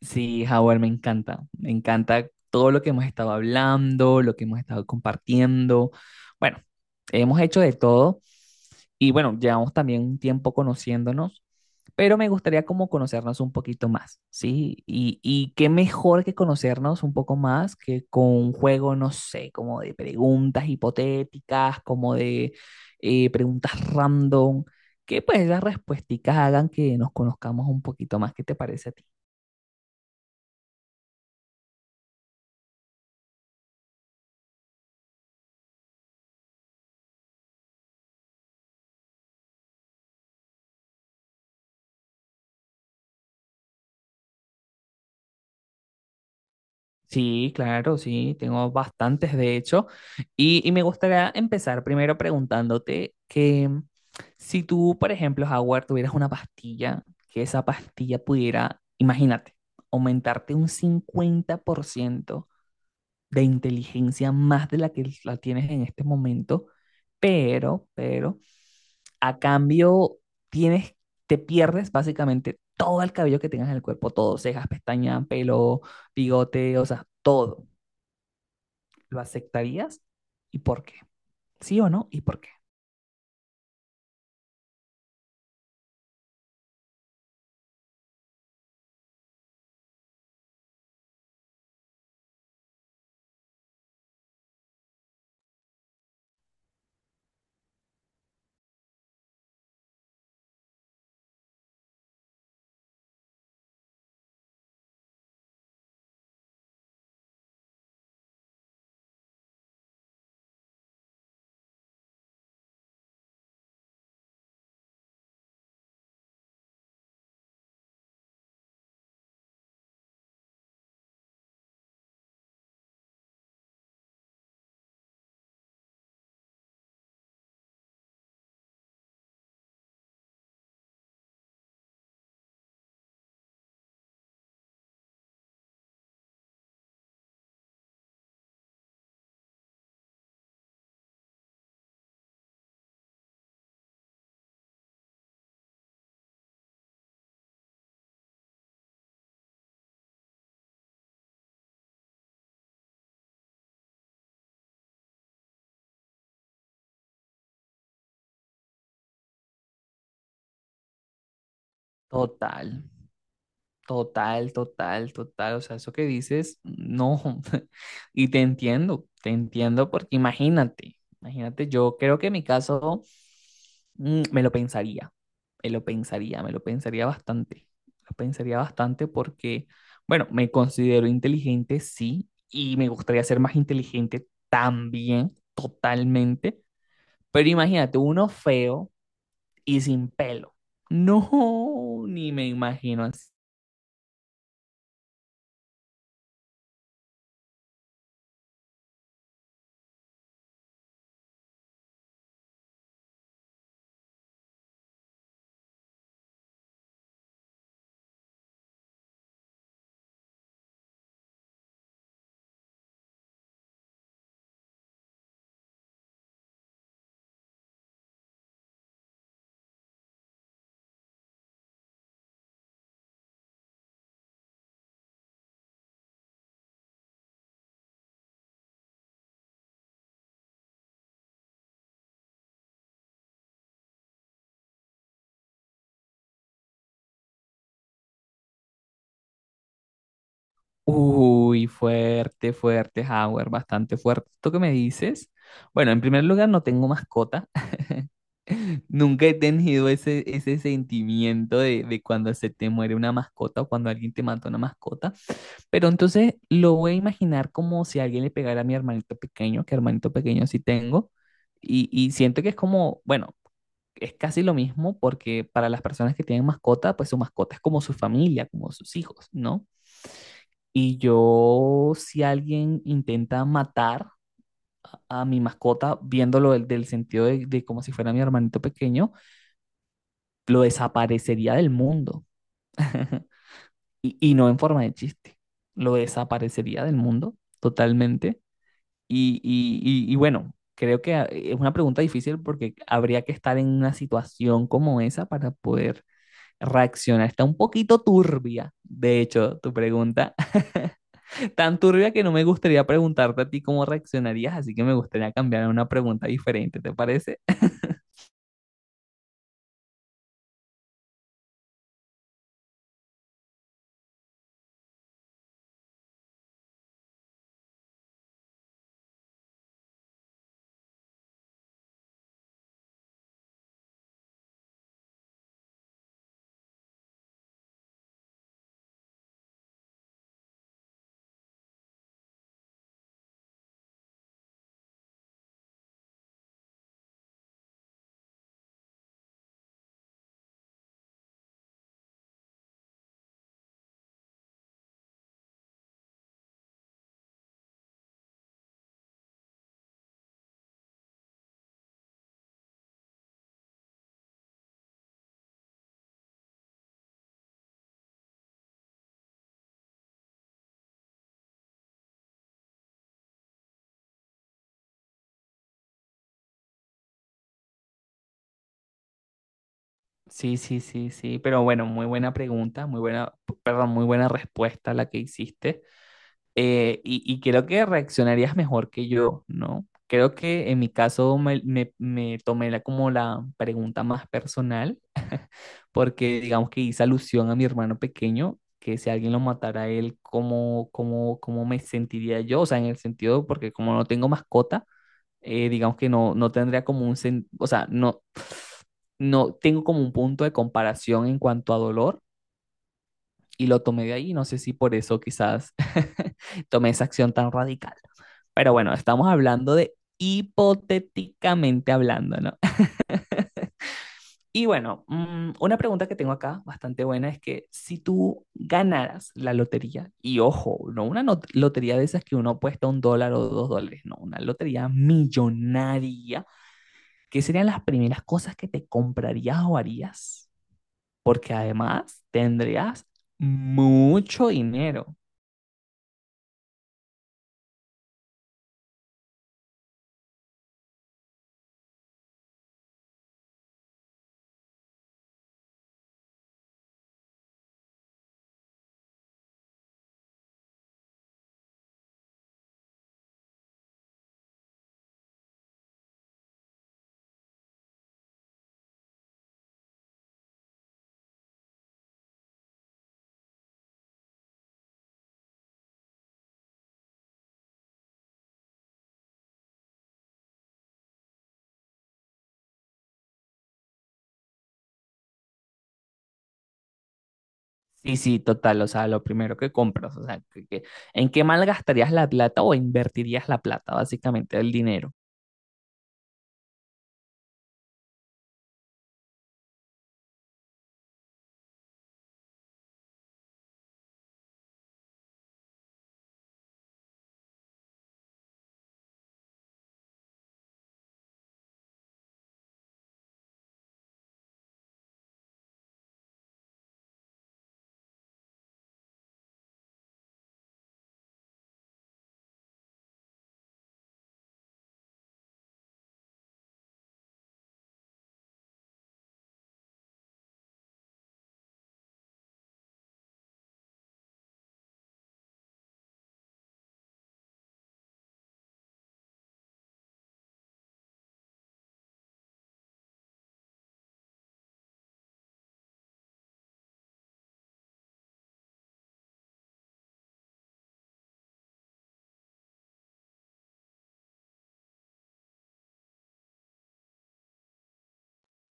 Sí, Howard, me encanta. Me encanta todo lo que hemos estado hablando, lo que hemos estado compartiendo. Bueno, hemos hecho de todo y bueno, llevamos también un tiempo conociéndonos, pero me gustaría como conocernos un poquito más, ¿sí? Y qué mejor que conocernos un poco más que con un juego, no sé, como de preguntas hipotéticas, como de preguntas random, que pues las respuestas hagan que nos conozcamos un poquito más. ¿Qué te parece a ti? Sí, claro, sí, tengo bastantes de hecho. Y me gustaría empezar primero preguntándote que si tú, por ejemplo, Howard, tuvieras una pastilla, que esa pastilla pudiera, imagínate, aumentarte un 50% de inteligencia más de la que la tienes en este momento, pero, a cambio tienes, te pierdes básicamente todo el cabello que tengas en el cuerpo, todo, cejas, pestañas, pelo, bigote, o sea, todo. ¿Lo aceptarías? ¿Y por qué? ¿Sí o no? ¿Y por qué? Total, total, total, total. O sea, eso que dices, no. Y te entiendo porque imagínate, imagínate, yo creo que en mi caso me lo pensaría, me lo pensaría, me lo pensaría bastante porque, bueno, me considero inteligente, sí, y me gustaría ser más inteligente también, totalmente. Pero imagínate, uno feo y sin pelo. No, ni me imagino así. Uy, fuerte, fuerte, Howard, bastante fuerte. ¿Esto que me dices? Bueno, en primer lugar, no tengo mascota. Nunca he tenido ese sentimiento de cuando se te muere una mascota o cuando alguien te mata una mascota. Pero entonces lo voy a imaginar como si alguien le pegara a mi hermanito pequeño, que hermanito pequeño sí tengo. Y siento que es como, bueno, es casi lo mismo porque para las personas que tienen mascota, pues su mascota es como su familia, como sus hijos, ¿no? Y yo, si alguien intenta matar a mi mascota, viéndolo del sentido de como si fuera mi hermanito pequeño, lo desaparecería del mundo. Y no en forma de chiste, lo desaparecería del mundo totalmente. Y bueno, creo que es una pregunta difícil porque habría que estar en una situación como esa para poder reaccionar. Está un poquito turbia, de hecho, tu pregunta. Tan turbia que no me gustaría preguntarte a ti cómo reaccionarías, así que me gustaría cambiar a una pregunta diferente, ¿te parece? Sí, sí, sí, sí, pero bueno, muy buena pregunta, muy buena, perdón, muy buena respuesta la que hiciste. Y creo que reaccionarías mejor que yo, ¿no? Creo que en mi caso me tomé la, como la pregunta más personal porque digamos que hice alusión a mi hermano pequeño, que si alguien lo matara a él, ¿cómo me sentiría yo? O sea, en el sentido, porque como no tengo mascota, digamos que no tendría como un, o sea, no, no, tengo como un punto de comparación en cuanto a dolor y lo tomé de ahí, no sé si por eso quizás tomé esa acción tan radical. Pero bueno, estamos hablando de hipotéticamente hablando, ¿no? Y bueno, una pregunta que tengo acá, bastante buena, es que si tú ganaras la lotería, y ojo, no una lotería de esas que uno apuesta $1 o $2, no, una lotería millonaria, ¿qué serían las primeras cosas que te comprarías o harías? Porque además tendrías mucho dinero. Sí, sí, total, o sea, lo primero que compras, o sea, ¿en qué malgastarías la plata o invertirías la plata, básicamente, el dinero?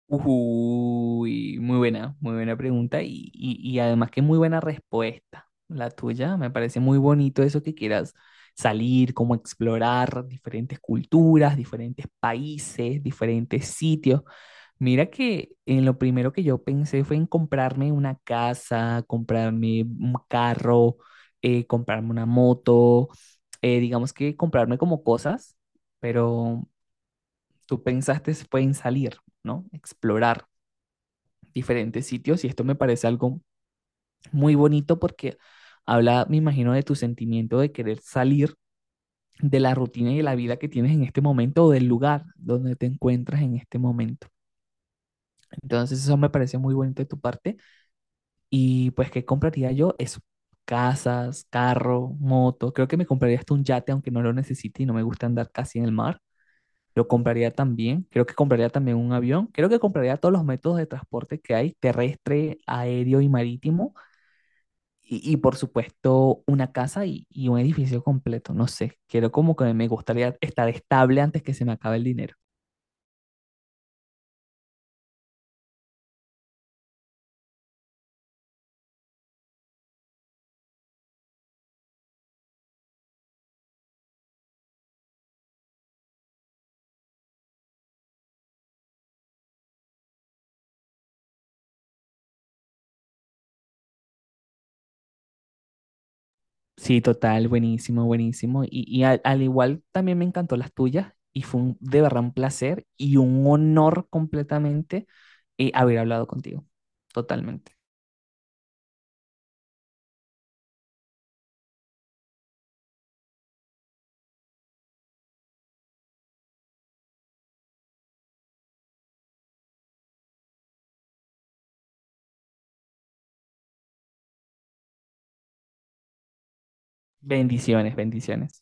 Uy, muy buena pregunta y además que muy buena respuesta la tuya. Me parece muy bonito eso que quieras salir, como explorar diferentes culturas, diferentes países, diferentes sitios. Mira que en lo primero que yo pensé fue en comprarme una casa, comprarme un carro, comprarme una moto, digamos que comprarme como cosas, pero tú pensaste fue en salir, ¿no? Explorar diferentes sitios y esto me parece algo muy bonito porque habla, me imagino, de tu sentimiento de querer salir de la rutina y de la vida que tienes en este momento o del lugar donde te encuentras en este momento. Entonces eso me parece muy bonito de tu parte y pues ¿qué compraría yo? Eso, casas, carro, moto, creo que me compraría hasta un yate aunque no lo necesite y no me gusta andar casi en el mar. Lo compraría también, creo que compraría también un avión, creo que compraría todos los métodos de transporte que hay, terrestre, aéreo y marítimo. Y, por supuesto, una casa y un edificio completo, no sé, quiero como que me gustaría estar estable antes que se me acabe el dinero. Sí, total, buenísimo, buenísimo. Y al igual también me encantó las tuyas y fue de verdad un placer y un honor completamente haber hablado contigo, totalmente. Bendiciones, bendiciones.